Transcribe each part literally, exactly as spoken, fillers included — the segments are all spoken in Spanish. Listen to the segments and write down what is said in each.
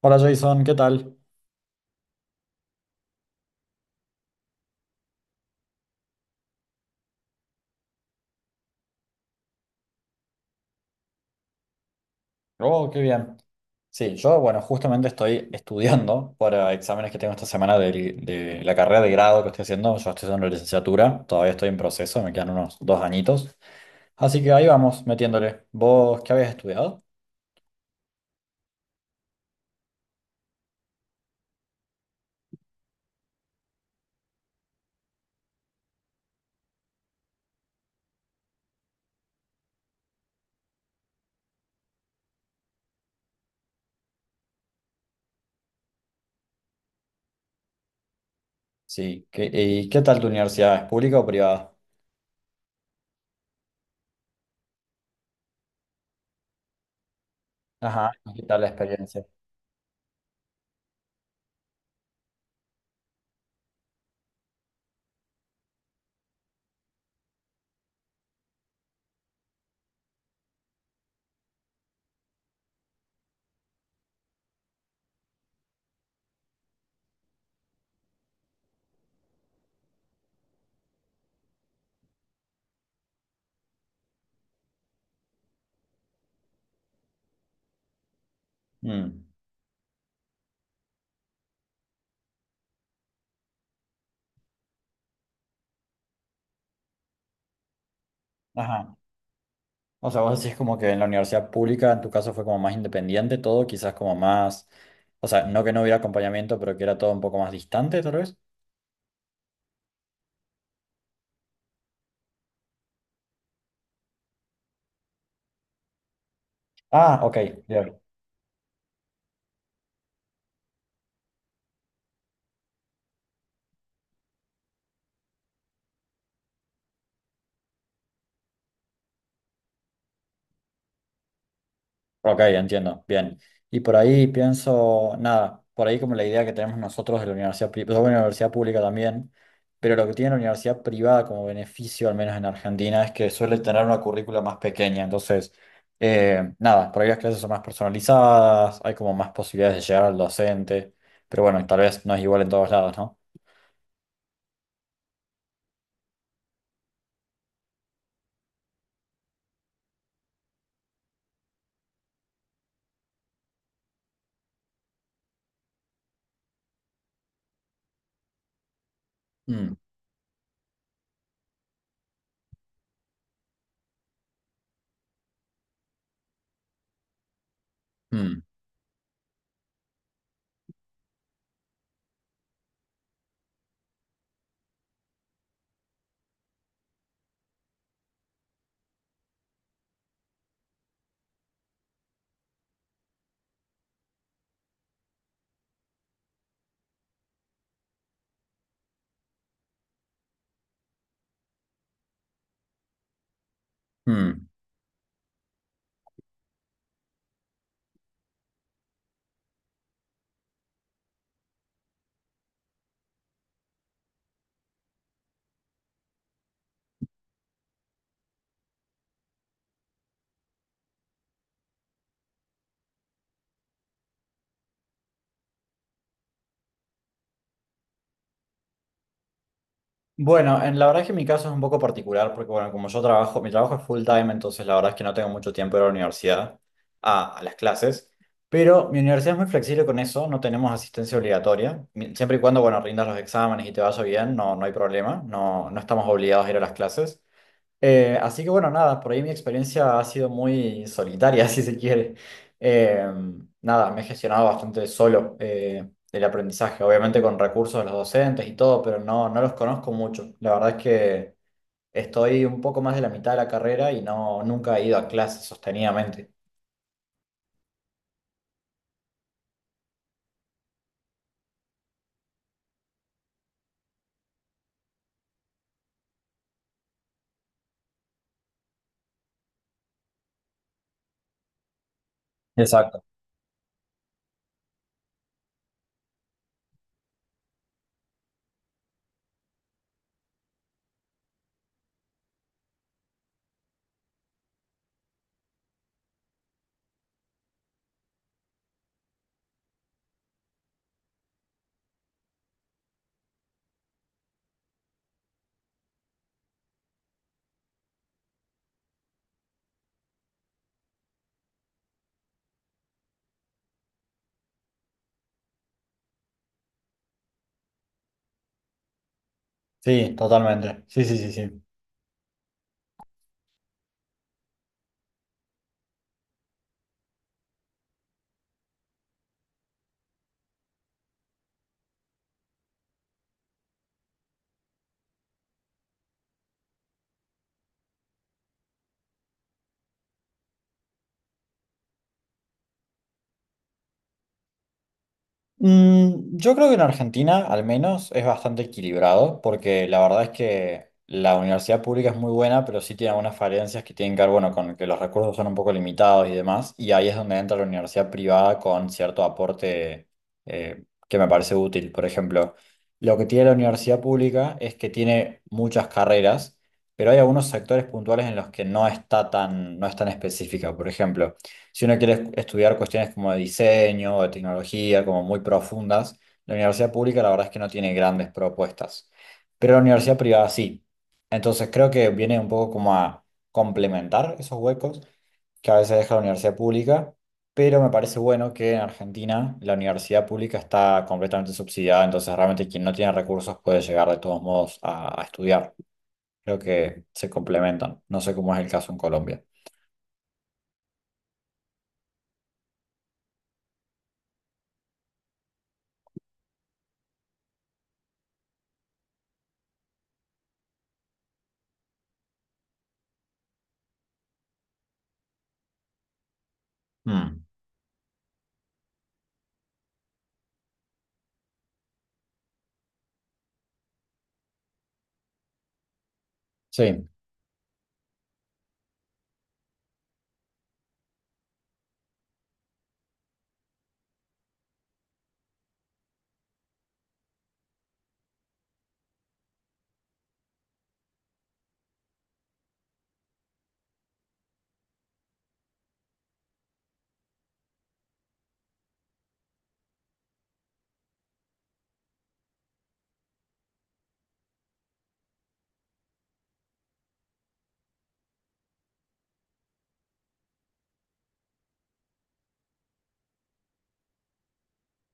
Hola Jason, ¿qué tal? Oh, qué bien. Sí, yo, bueno, justamente estoy estudiando para exámenes que tengo esta semana del- de, la carrera de grado que estoy haciendo. Yo estoy haciendo la licenciatura, todavía estoy en proceso, me quedan unos dos añitos. Así que ahí vamos, metiéndole. ¿Vos qué habías estudiado? Sí, ¿qué- ¿y qué tal tu universidad? ¿Es pública o privada? Ajá, ¿y ¿qué tal la experiencia? Mm. Ajá. O sea, vos decís como que en la universidad pública, en tu caso fue como más independiente todo, quizás como más, o sea, no que no hubiera acompañamiento, pero que era todo un poco más distante, tal vez. Ah, ok, bien. Ok, entiendo, bien. Y por ahí pienso, nada, por ahí como la idea que tenemos nosotros de la universidad, pri- pues, bueno, la universidad pública también, pero lo que tiene la universidad privada como beneficio, al menos en Argentina, es que suele tener una currícula más pequeña, entonces, eh, nada, por ahí las clases son más personalizadas, hay como más posibilidades de llegar al docente, pero bueno, tal vez no es igual en todos lados, ¿no? Mm, mm, mm. Bueno, en, la verdad es que mi caso es un poco particular porque, bueno, como yo trabajo, mi trabajo es full time, entonces la verdad es que no tengo mucho tiempo de ir a la universidad, a, a las clases, pero mi universidad es muy flexible con eso, no tenemos asistencia obligatoria. Mi- siempre y cuando, bueno, rindas los exámenes y te vaya bien, no, no hay problema, no, no estamos obligados a ir a las clases. Eh, así que bueno, nada, por ahí mi experiencia ha sido muy solitaria, si se quiere. Eh, Nada, me he gestionado bastante solo eh, el aprendizaje, obviamente con recursos de los docentes y todo, pero no, no los conozco mucho. La verdad es que estoy un poco más de la mitad de la carrera y no, nunca he ido a clases sostenidamente. Exacto. Sí, totalmente. Sí, sí, sí, sí. Mm, yo creo que en Argentina, al menos, es bastante equilibrado, porque la verdad es que la universidad pública es muy buena, pero sí tiene algunas falencias que tienen que ver, bueno, con que los recursos son un poco limitados y demás, y ahí es donde entra la universidad privada con cierto aporte eh, que me parece útil. Por ejemplo, lo que tiene la universidad pública es que tiene muchas carreras, pero hay algunos sectores puntuales en los que no está tan, no es tan específica. Por ejemplo, si uno quiere es- estudiar cuestiones como de diseño o de tecnología, como muy profundas, la universidad pública la verdad es que no tiene grandes propuestas, pero la universidad privada sí. Entonces creo que viene un poco como a complementar esos huecos que a veces deja la universidad pública, pero me parece bueno que en Argentina la universidad pública está completamente subsidiada, entonces realmente quien no tiene recursos puede llegar de todos modos a, a estudiar. Creo que se complementan. No sé cómo es el caso en Colombia. Mm. Sí.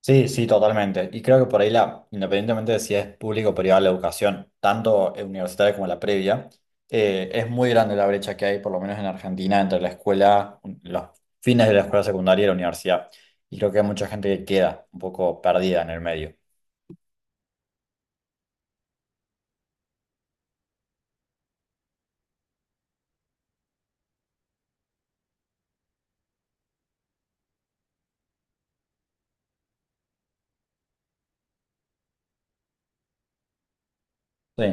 Sí, sí, totalmente. Y creo que por ahí, la, independientemente de si es público o privada la educación, tanto eh, universitaria como la previa, eh, es muy grande la brecha que hay, por lo menos en Argentina, entre la escuela, los fines de la escuela secundaria y la universidad. Y creo que hay mucha gente que queda un poco perdida en el medio. Sí.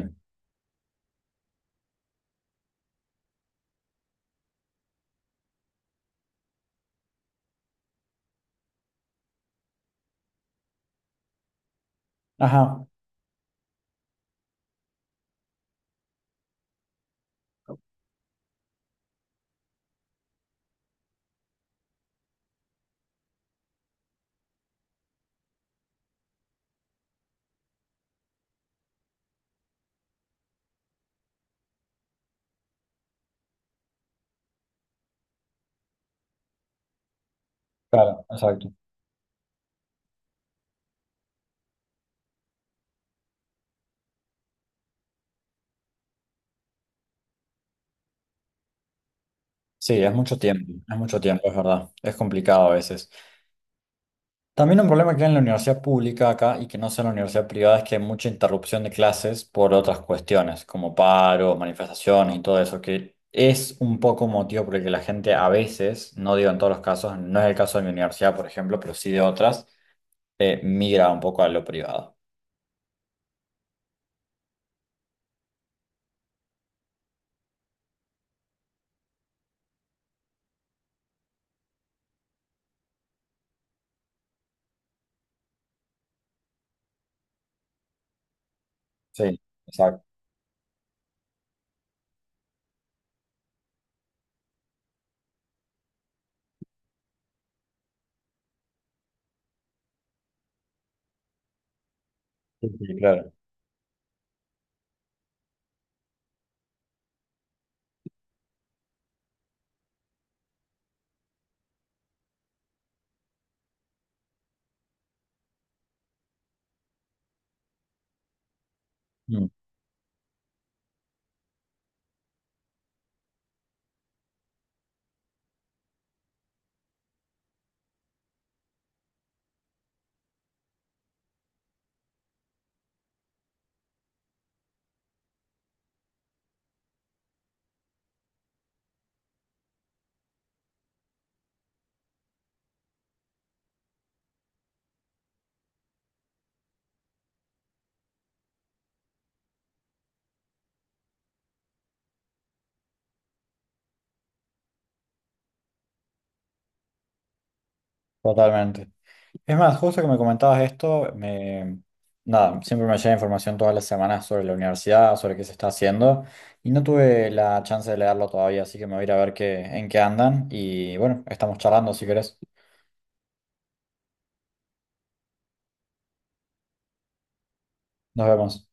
Ajá, claro, exacto. Sí, es mucho tiempo, es mucho tiempo, es verdad. Es complicado a veces. También un problema que hay en la universidad pública acá y que no sea en la universidad privada es que hay mucha interrupción de clases por otras cuestiones, como paros, manifestaciones y todo eso, que es un poco motivo por el que la gente a veces, no digo en todos los casos, no es el caso de mi universidad, por ejemplo, pero sí de otras, eh, migra un poco a lo privado. Sí, exacto. Sí, sí, claro. Mm, totalmente. Es más, justo que me comentabas esto, me, nada, siempre me llega información todas las semanas sobre la universidad, sobre qué se está haciendo, y no tuve la chance de leerlo todavía, así que me voy a ir a ver qué, en qué andan, y bueno, estamos charlando si querés. Nos vemos.